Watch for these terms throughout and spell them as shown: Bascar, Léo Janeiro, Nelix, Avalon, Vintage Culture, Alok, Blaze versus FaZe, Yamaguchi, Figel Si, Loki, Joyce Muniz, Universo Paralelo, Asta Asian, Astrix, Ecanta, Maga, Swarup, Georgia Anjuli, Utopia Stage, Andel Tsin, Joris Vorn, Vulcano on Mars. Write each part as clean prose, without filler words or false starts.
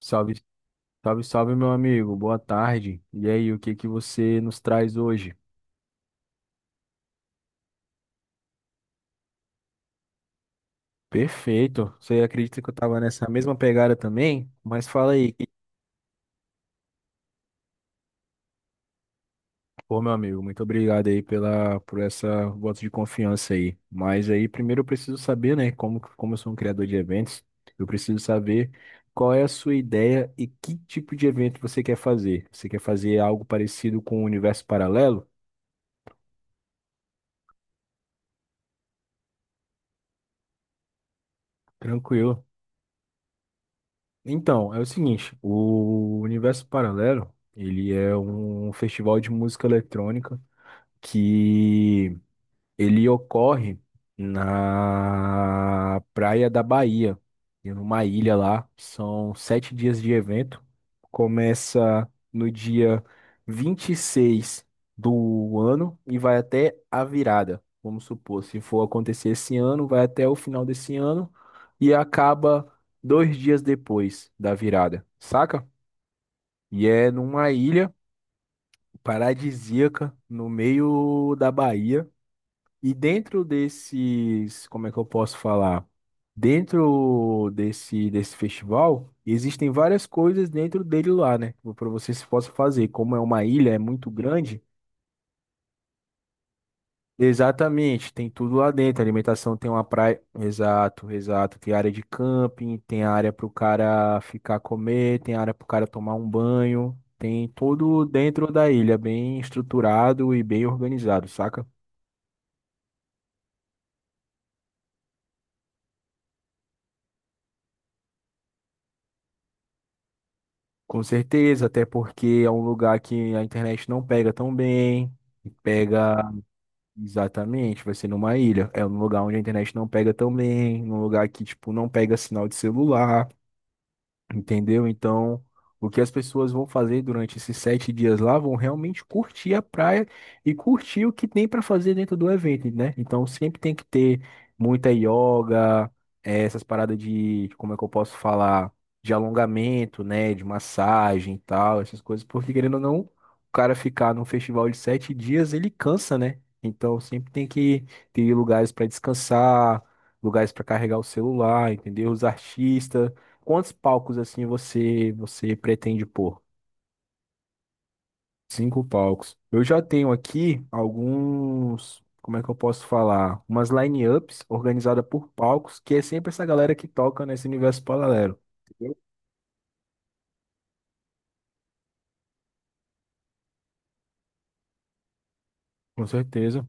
Salve, salve, salve, meu amigo. Boa tarde. E aí, o que que você nos traz hoje? Perfeito. Você acredita que eu tava nessa mesma pegada também? Mas fala aí. Pô, meu amigo, muito obrigado aí por essa voto de confiança aí. Mas aí, primeiro eu preciso saber, né, como eu sou um criador de eventos, eu preciso saber qual é a sua ideia e que tipo de evento você quer fazer. Você quer fazer algo parecido com o Universo Paralelo? Tranquilo. Então, é o seguinte, o Universo Paralelo, ele é um festival de música eletrônica que ele ocorre na praia da Bahia, em uma ilha lá. São 7 dias de evento. Começa no dia 26 do ano e vai até a virada. Vamos supor, se for acontecer esse ano, vai até o final desse ano e acaba 2 dias depois da virada, saca? E é numa ilha paradisíaca no meio da Bahia. E dentro desses, como é que eu posso falar? Dentro desse festival, existem várias coisas dentro dele lá, né? Para você se possa fazer. Como é uma ilha, é muito grande. Exatamente, tem tudo lá dentro. Alimentação tem uma praia. Exato, exato. Tem área de camping, tem área para o cara ficar comer, tem área para o cara tomar um banho. Tem tudo dentro da ilha, bem estruturado e bem organizado, saca? Com certeza, até porque é um lugar que a internet não pega tão bem. E Pega exatamente, vai ser numa ilha. É um lugar onde a internet não pega tão bem, num lugar que, tipo, não pega sinal de celular. Entendeu? Então, o que as pessoas vão fazer durante esses 7 dias lá vão realmente curtir a praia e curtir o que tem para fazer dentro do evento, né? Então, sempre tem que ter muita yoga, essas paradas de, como é que eu posso falar, de alongamento, né? De massagem e tal, essas coisas, porque querendo ou não, o cara ficar num festival de 7 dias, ele cansa, né? Então, sempre tem que ter lugares para descansar, lugares para carregar o celular, entendeu? Os artistas. Quantos palcos assim você pretende pôr? Cinco palcos. Eu já tenho aqui alguns, como é que eu posso falar? Umas line-ups organizadas por palcos, que é sempre essa galera que toca nesse universo paralelo. Entendeu? Com certeza.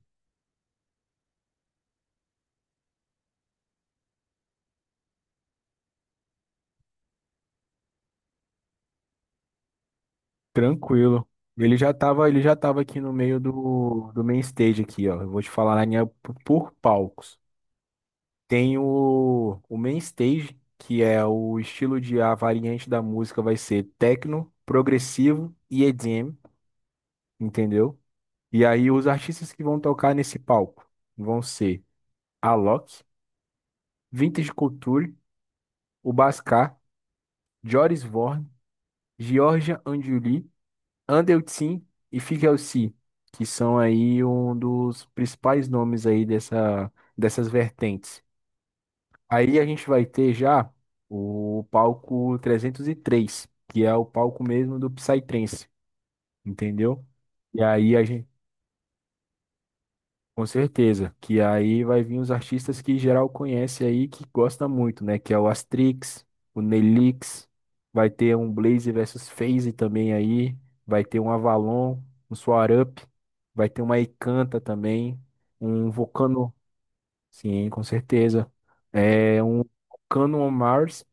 Tranquilo. Ele já tava aqui no meio do main stage aqui, ó. Eu vou te falar a linha up por palcos. Tem o main stage, que é o estilo de a variante da música vai ser techno, progressivo e EDM. Entendeu? E aí os artistas que vão tocar nesse palco vão ser Alok, Vintage Culture, o Bascar, Joris Vorn, Georgia Anjuli, Andel Tsin e Figel Si, que são aí um dos principais nomes aí dessa, dessas vertentes. Aí a gente vai ter já o palco 303, que é o palco mesmo do Psytrance, entendeu? E aí a gente Com certeza, que aí vai vir os artistas que geral conhece aí, que gosta muito, né? Que é o Astrix, o Nelix, vai ter um Blaze versus FaZe também aí, vai ter um Avalon, um Swarup, vai ter uma Ecanta também, um Vulcano, sim, com certeza. É um Vulcano on Mars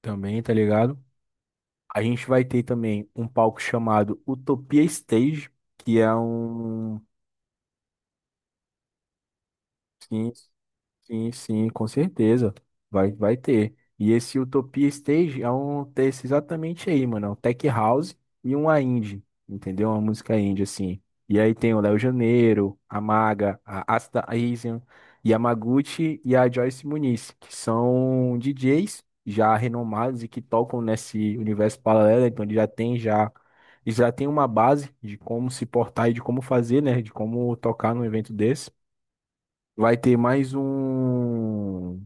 também, tá ligado? A gente vai ter também um palco chamado Utopia Stage. Que é um Sim, sim, sim, com certeza. Vai ter. E esse Utopia Stage é um desse exatamente aí, mano. É um Tech House e uma indie, entendeu? Uma música indie, assim. E aí tem o Léo Janeiro, a Maga, a Asta Asian, Yamaguchi e a Joyce Muniz, que são DJs já renomados e que tocam nesse universo paralelo, então eles já têm uma base de como se portar e de como fazer, né? De como tocar num evento desse. Vai ter mais um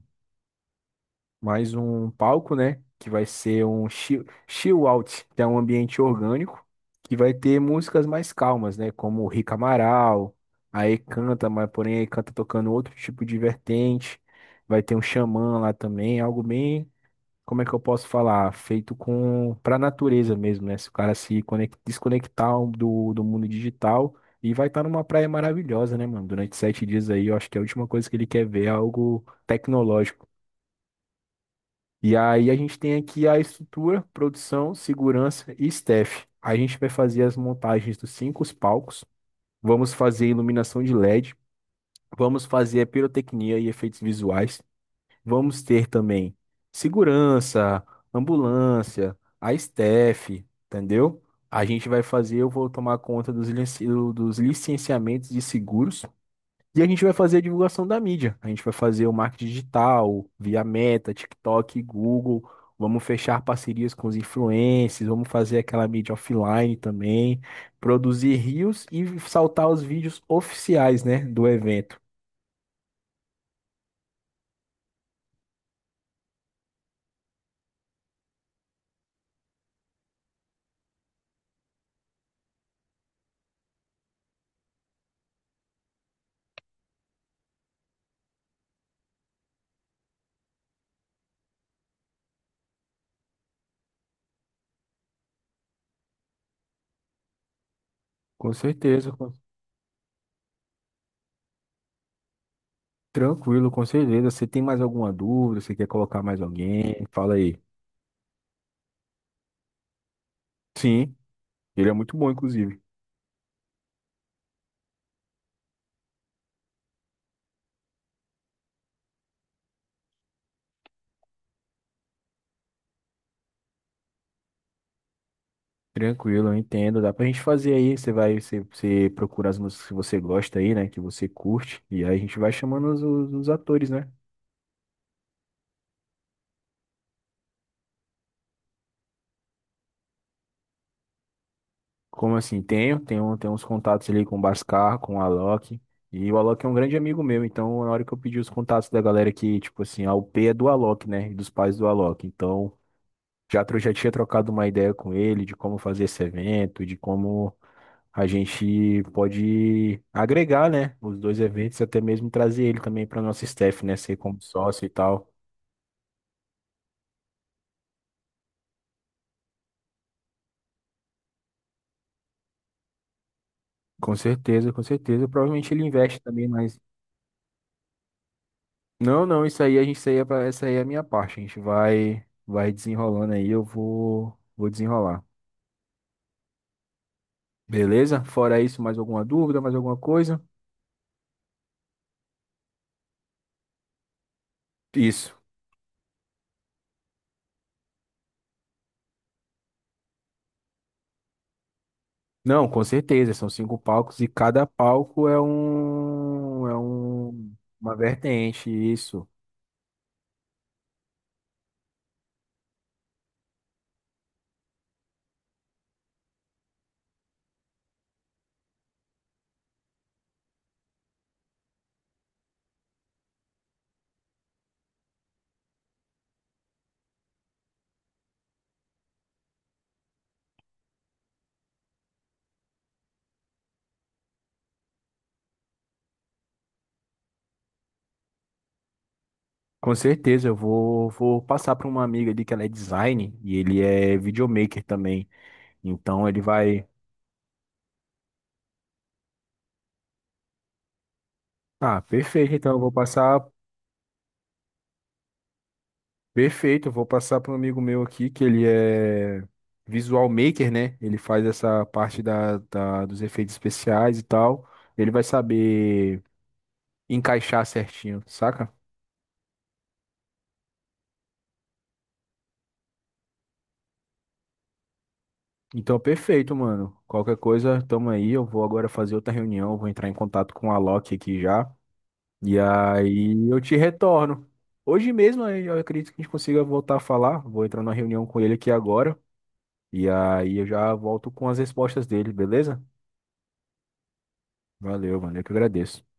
mais um palco, né? Que vai ser um chill out, que é um ambiente orgânico, que vai ter músicas mais calmas, né? Como o Rick Amaral, aí canta, mas porém aí canta tocando outro tipo de vertente. Vai ter um xamã lá também, algo bem como é que eu posso falar? Feito com para a natureza mesmo, né? Se o cara se conec- desconectar do mundo digital e vai estar numa praia maravilhosa, né, mano? Durante 7 dias aí, eu acho que é a última coisa que ele quer ver é algo tecnológico. E aí a gente tem aqui a estrutura, produção, segurança e staff. A gente vai fazer as montagens dos cinco palcos, vamos fazer iluminação de LED, vamos fazer a pirotecnia e efeitos visuais. Vamos ter também segurança, ambulância, a staff, entendeu? A gente vai fazer, eu vou tomar conta dos licenciamentos de seguros e a gente vai fazer a divulgação da mídia. A gente vai fazer o marketing digital, via Meta, TikTok, Google. Vamos fechar parcerias com os influencers, vamos fazer aquela mídia offline também, produzir rios e saltar os vídeos oficiais, né, do evento. Com certeza. Tranquilo, com certeza. Você tem mais alguma dúvida? Você quer colocar mais alguém? Fala aí. Sim, ele é muito bom, inclusive. Tranquilo, eu entendo. Dá pra gente fazer aí. Você procura as músicas que você gosta aí, né? Que você curte. E aí a gente vai chamando os atores, né? Como assim? Tenho uns contatos ali com o Bascar, com o Alok. E o Alok é um grande amigo meu. Então, na hora que eu pedi os contatos da galera que, tipo assim, a UP é do Alok, né? E dos pais do Alok. Então. Já eu já tinha trocado uma ideia com ele de como fazer esse evento, de como a gente pode agregar, né, os dois eventos, e até mesmo trazer ele também para nosso staff, né, ser como sócio e tal. Com certeza, com certeza. Provavelmente ele investe também, mas não, não, isso aí a gente isso aí é pra- essa aí é a minha parte. A gente vai desenrolando aí, eu vou desenrolar. Beleza? Fora isso, mais alguma dúvida, mais alguma coisa? Isso. Não, com certeza, são cinco palcos e cada palco é uma vertente, isso. Com certeza, eu vou passar para uma amiga ali que ela é design e ele é videomaker também. Então ele vai. Ah, perfeito, então eu vou passar. Perfeito, eu vou passar para um amigo meu aqui que ele é visual maker, né? Ele faz essa parte dos efeitos especiais e tal. Ele vai saber encaixar certinho, saca? Então, perfeito, mano. Qualquer coisa, tamo aí. Eu vou agora fazer outra reunião, vou entrar em contato com a Loki aqui já. E aí eu te retorno. Hoje mesmo, aí, eu acredito que a gente consiga voltar a falar. Vou entrar numa reunião com ele aqui agora. E aí eu já volto com as respostas dele, beleza? Valeu, mano. Eu que agradeço.